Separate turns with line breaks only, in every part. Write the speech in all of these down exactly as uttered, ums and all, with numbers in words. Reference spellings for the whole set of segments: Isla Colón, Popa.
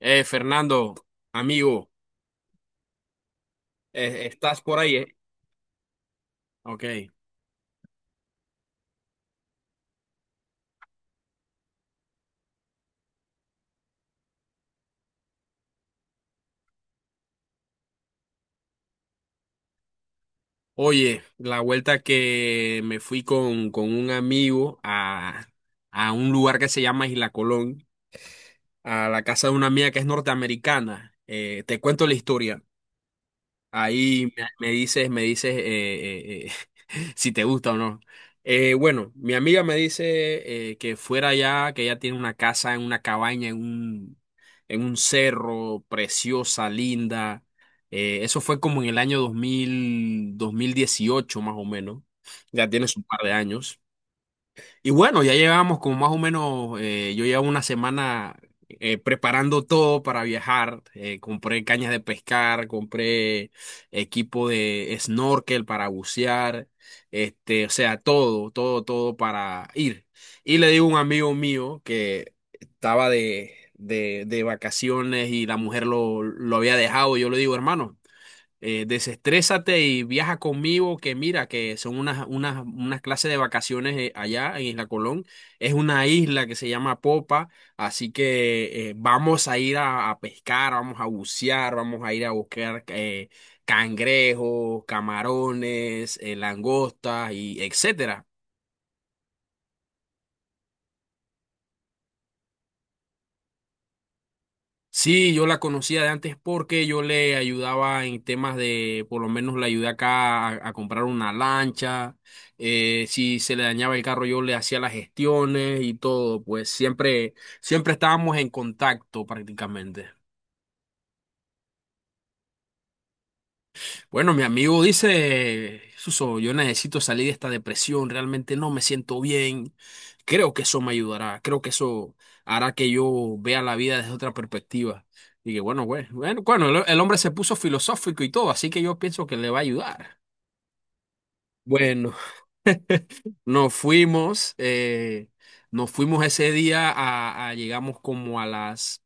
Eh, Fernando, amigo, eh, ¿estás por ahí, eh? Ok. Oye, la vuelta que me fui con, con un amigo a, a un lugar que se llama Isla Colón, a la casa de una amiga que es norteamericana. Eh, te cuento la historia. Ahí me me dices, me dices eh, eh, eh, si te gusta o no. Eh, bueno, mi amiga me dice eh, que fuera allá, que ella tiene una casa en una cabaña, en un, en un cerro, preciosa, linda. Eh, eso fue como en el año dos dos mil dos mil dieciocho, más o menos. Ya tiene su par de años. Y bueno, ya llevamos como más o menos, eh, yo llevo una semana eh, preparando todo para viajar. Eh, compré cañas de pescar, compré equipo de snorkel para bucear, este, o sea, todo, todo, todo para ir. Y le digo a un amigo mío que estaba de, de, de vacaciones y la mujer lo, lo había dejado. Y yo le digo, hermano, eh, desestrésate y viaja conmigo, que mira, que son unas, unas, unas clases de vacaciones eh, allá en Isla Colón. Es una isla que se llama Popa, así que eh, vamos a ir a, a pescar, vamos a bucear, vamos a ir a buscar eh, cangrejos, camarones, eh, langostas y etcétera. Sí, yo la conocía de antes porque yo le ayudaba en temas de, por lo menos le ayudé acá a, a comprar una lancha. Eh, si se le dañaba el carro yo le hacía las gestiones y todo, pues siempre, siempre estábamos en contacto prácticamente. Bueno, mi amigo dice, Suso, yo necesito salir de esta depresión, realmente no me siento bien. Creo que eso me ayudará, creo que eso hará que yo vea la vida desde otra perspectiva. Y que bueno, güey, bueno, bueno, el, el hombre se puso filosófico y todo, así que yo pienso que le va a ayudar. Bueno, nos fuimos, eh, nos fuimos ese día a, a- llegamos como a las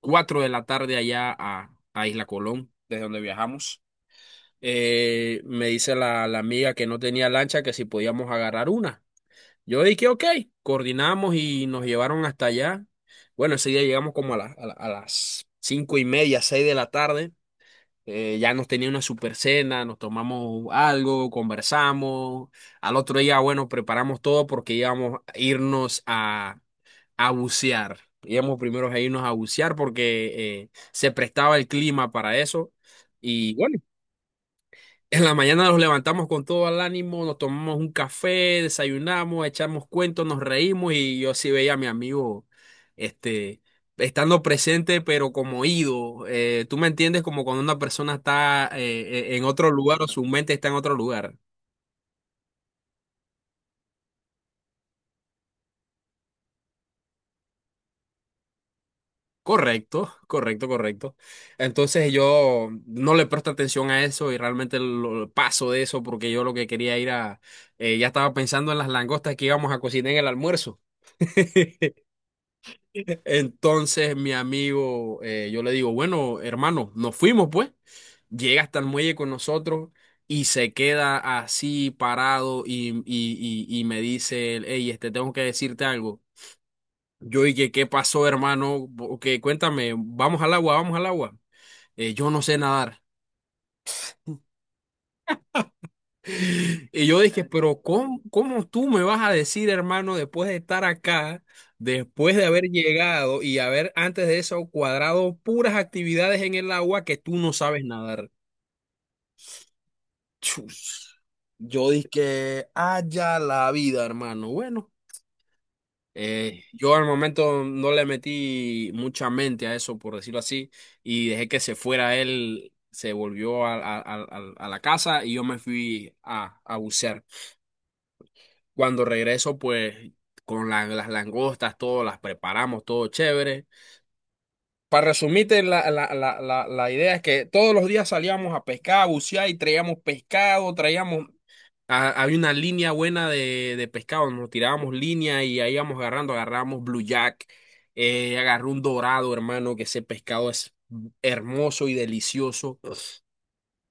cuatro de la tarde allá a, a Isla Colón, desde donde viajamos. Eh, me dice la, la amiga que no tenía lancha, que si podíamos agarrar una. Yo dije, ok, coordinamos y nos llevaron hasta allá. Bueno, ese día llegamos como a, la- a la- a las cinco y media, seis de la tarde. Eh, ya nos tenía una super cena, nos tomamos algo, conversamos. Al otro día, bueno, preparamos todo porque íbamos a irnos a, a bucear. Íbamos primero a irnos a bucear porque eh, se prestaba el clima para eso. Y bueno, en la mañana nos levantamos con todo el ánimo, nos tomamos un café, desayunamos, echamos cuentos, nos reímos y yo sí veía a mi amigo, este, estando presente pero como ido. Eh, tú me entiendes, como cuando una persona está eh, eh, en otro lugar, o su mente está en otro lugar. Correcto, correcto, correcto. Entonces yo no le presto atención a eso y realmente lo- paso de eso porque yo lo que quería ir a, eh, ya estaba pensando en las langostas que íbamos a cocinar en el almuerzo. Entonces mi amigo, eh, yo le digo, bueno, hermano, nos fuimos pues. Llega hasta el muelle con nosotros y se queda así parado, y, y, y, y me dice, hey, este, tengo que decirte algo. Yo dije, ¿qué pasó, hermano? Que cuéntame, vamos al agua, vamos al agua. "Eh, yo no sé nadar. Y yo dije, pero ¿cómo, cómo tú me vas a decir, hermano, después de estar acá, después de haber llegado y haber antes de eso cuadrado puras actividades en el agua, que tú no sabes nadar? Chus. Yo dije, haya la vida, hermano. Bueno, eh, yo al momento no le metí mucha mente a eso, por decirlo así, y dejé que se fuera él, se volvió a, a a- a- a la casa y yo me fui a, a bucear. Cuando regreso, pues con la- las langostas, todo, las preparamos, todo chévere. Para resumirte, la, la, la, la, la idea es que todos los días salíamos a pescar, a bucear y traíamos pescado, traíamos, a- había una línea buena de, de pescado, nos tirábamos línea y ahí íbamos agarrando, agarramos blue jack, eh, agarré un dorado, hermano, que ese pescado es hermoso y delicioso.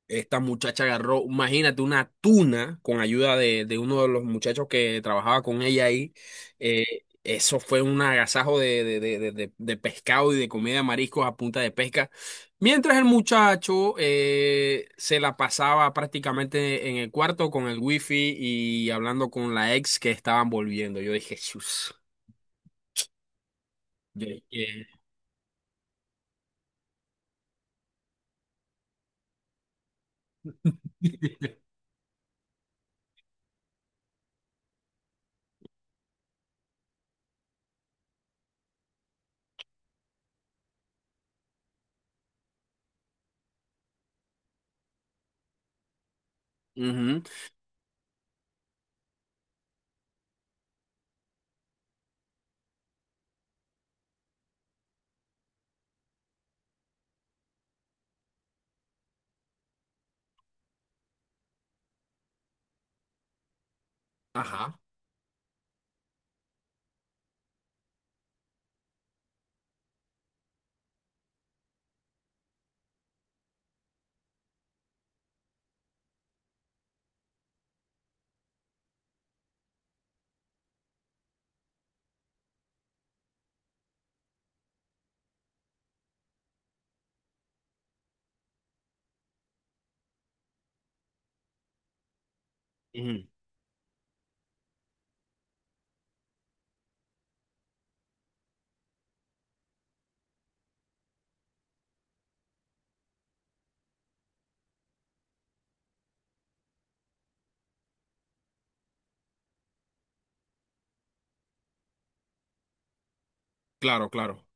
Esta muchacha agarró, imagínate, una tuna con ayuda de, de uno de los muchachos que trabajaba con ella ahí. Eh, eso fue un agasajo de, de, de, de, de- de pescado y de comida de mariscos a punta de pesca. Mientras el muchacho eh, se la pasaba prácticamente en el cuarto con el wifi y hablando con la ex, que estaban volviendo. Yo dije, chus. Yo dije, ujú. Ajá. Ujú. Claro, claro.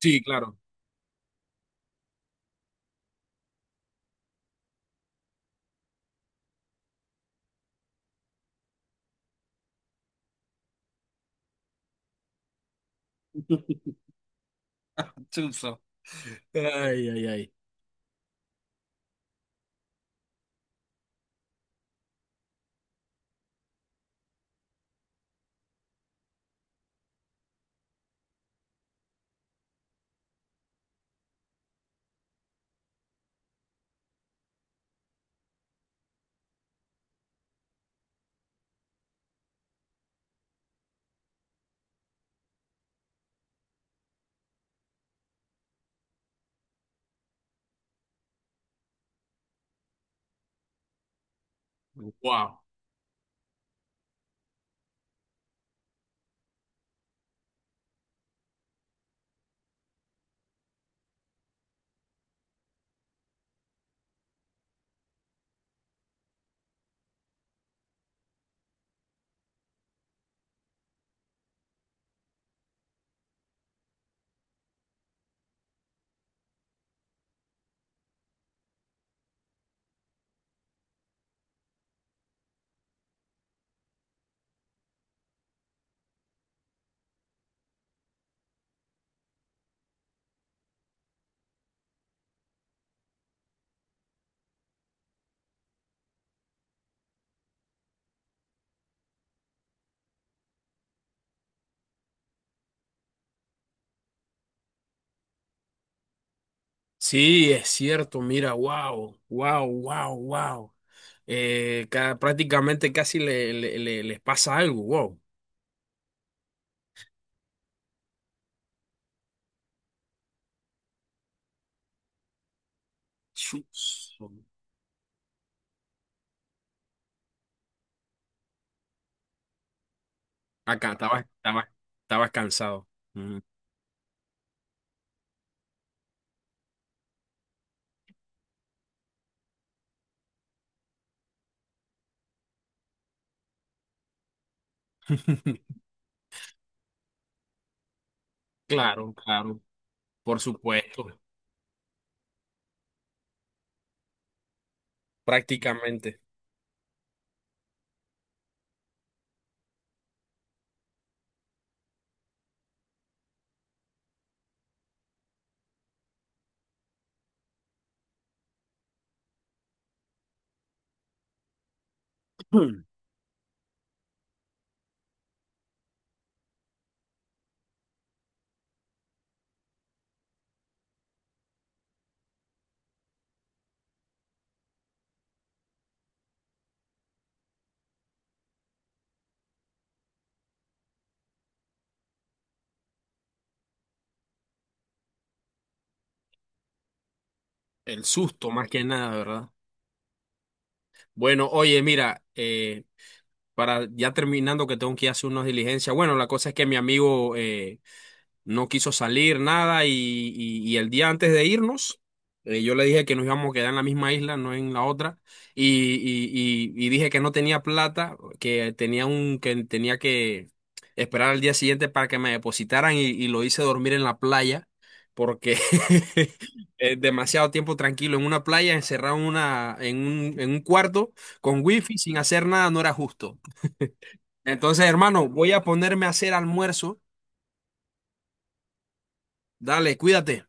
Sí, claro. Chuzo. Ay, ay, ay. Wow. Sí, es cierto, mira, wow, wow, wow, wow. Eh, ca- prácticamente casi le, le- le- les pasa algo, wow. Chus. Acá estabas, estabas, estabas cansado. Mm. Claro, claro, por supuesto, prácticamente. El susto más que nada, ¿verdad? Bueno, oye, mira, eh, para ya terminando, que tengo que ir a hacer unas diligencias. Bueno, la cosa es que mi amigo, eh, no quiso salir, nada, y, y- y el día antes de irnos, eh, yo le dije que nos íbamos a quedar en la misma isla, no en la otra, y, y- y- y dije que no tenía plata, que tenía un, que tenía que esperar al día siguiente para que me depositaran, y, y lo hice dormir en la playa, porque eh, demasiado tiempo tranquilo en una playa, encerrado en una, en un, en un cuarto con wifi, sin hacer nada, no era justo. Entonces, hermano, voy a ponerme a hacer almuerzo. Dale, cuídate.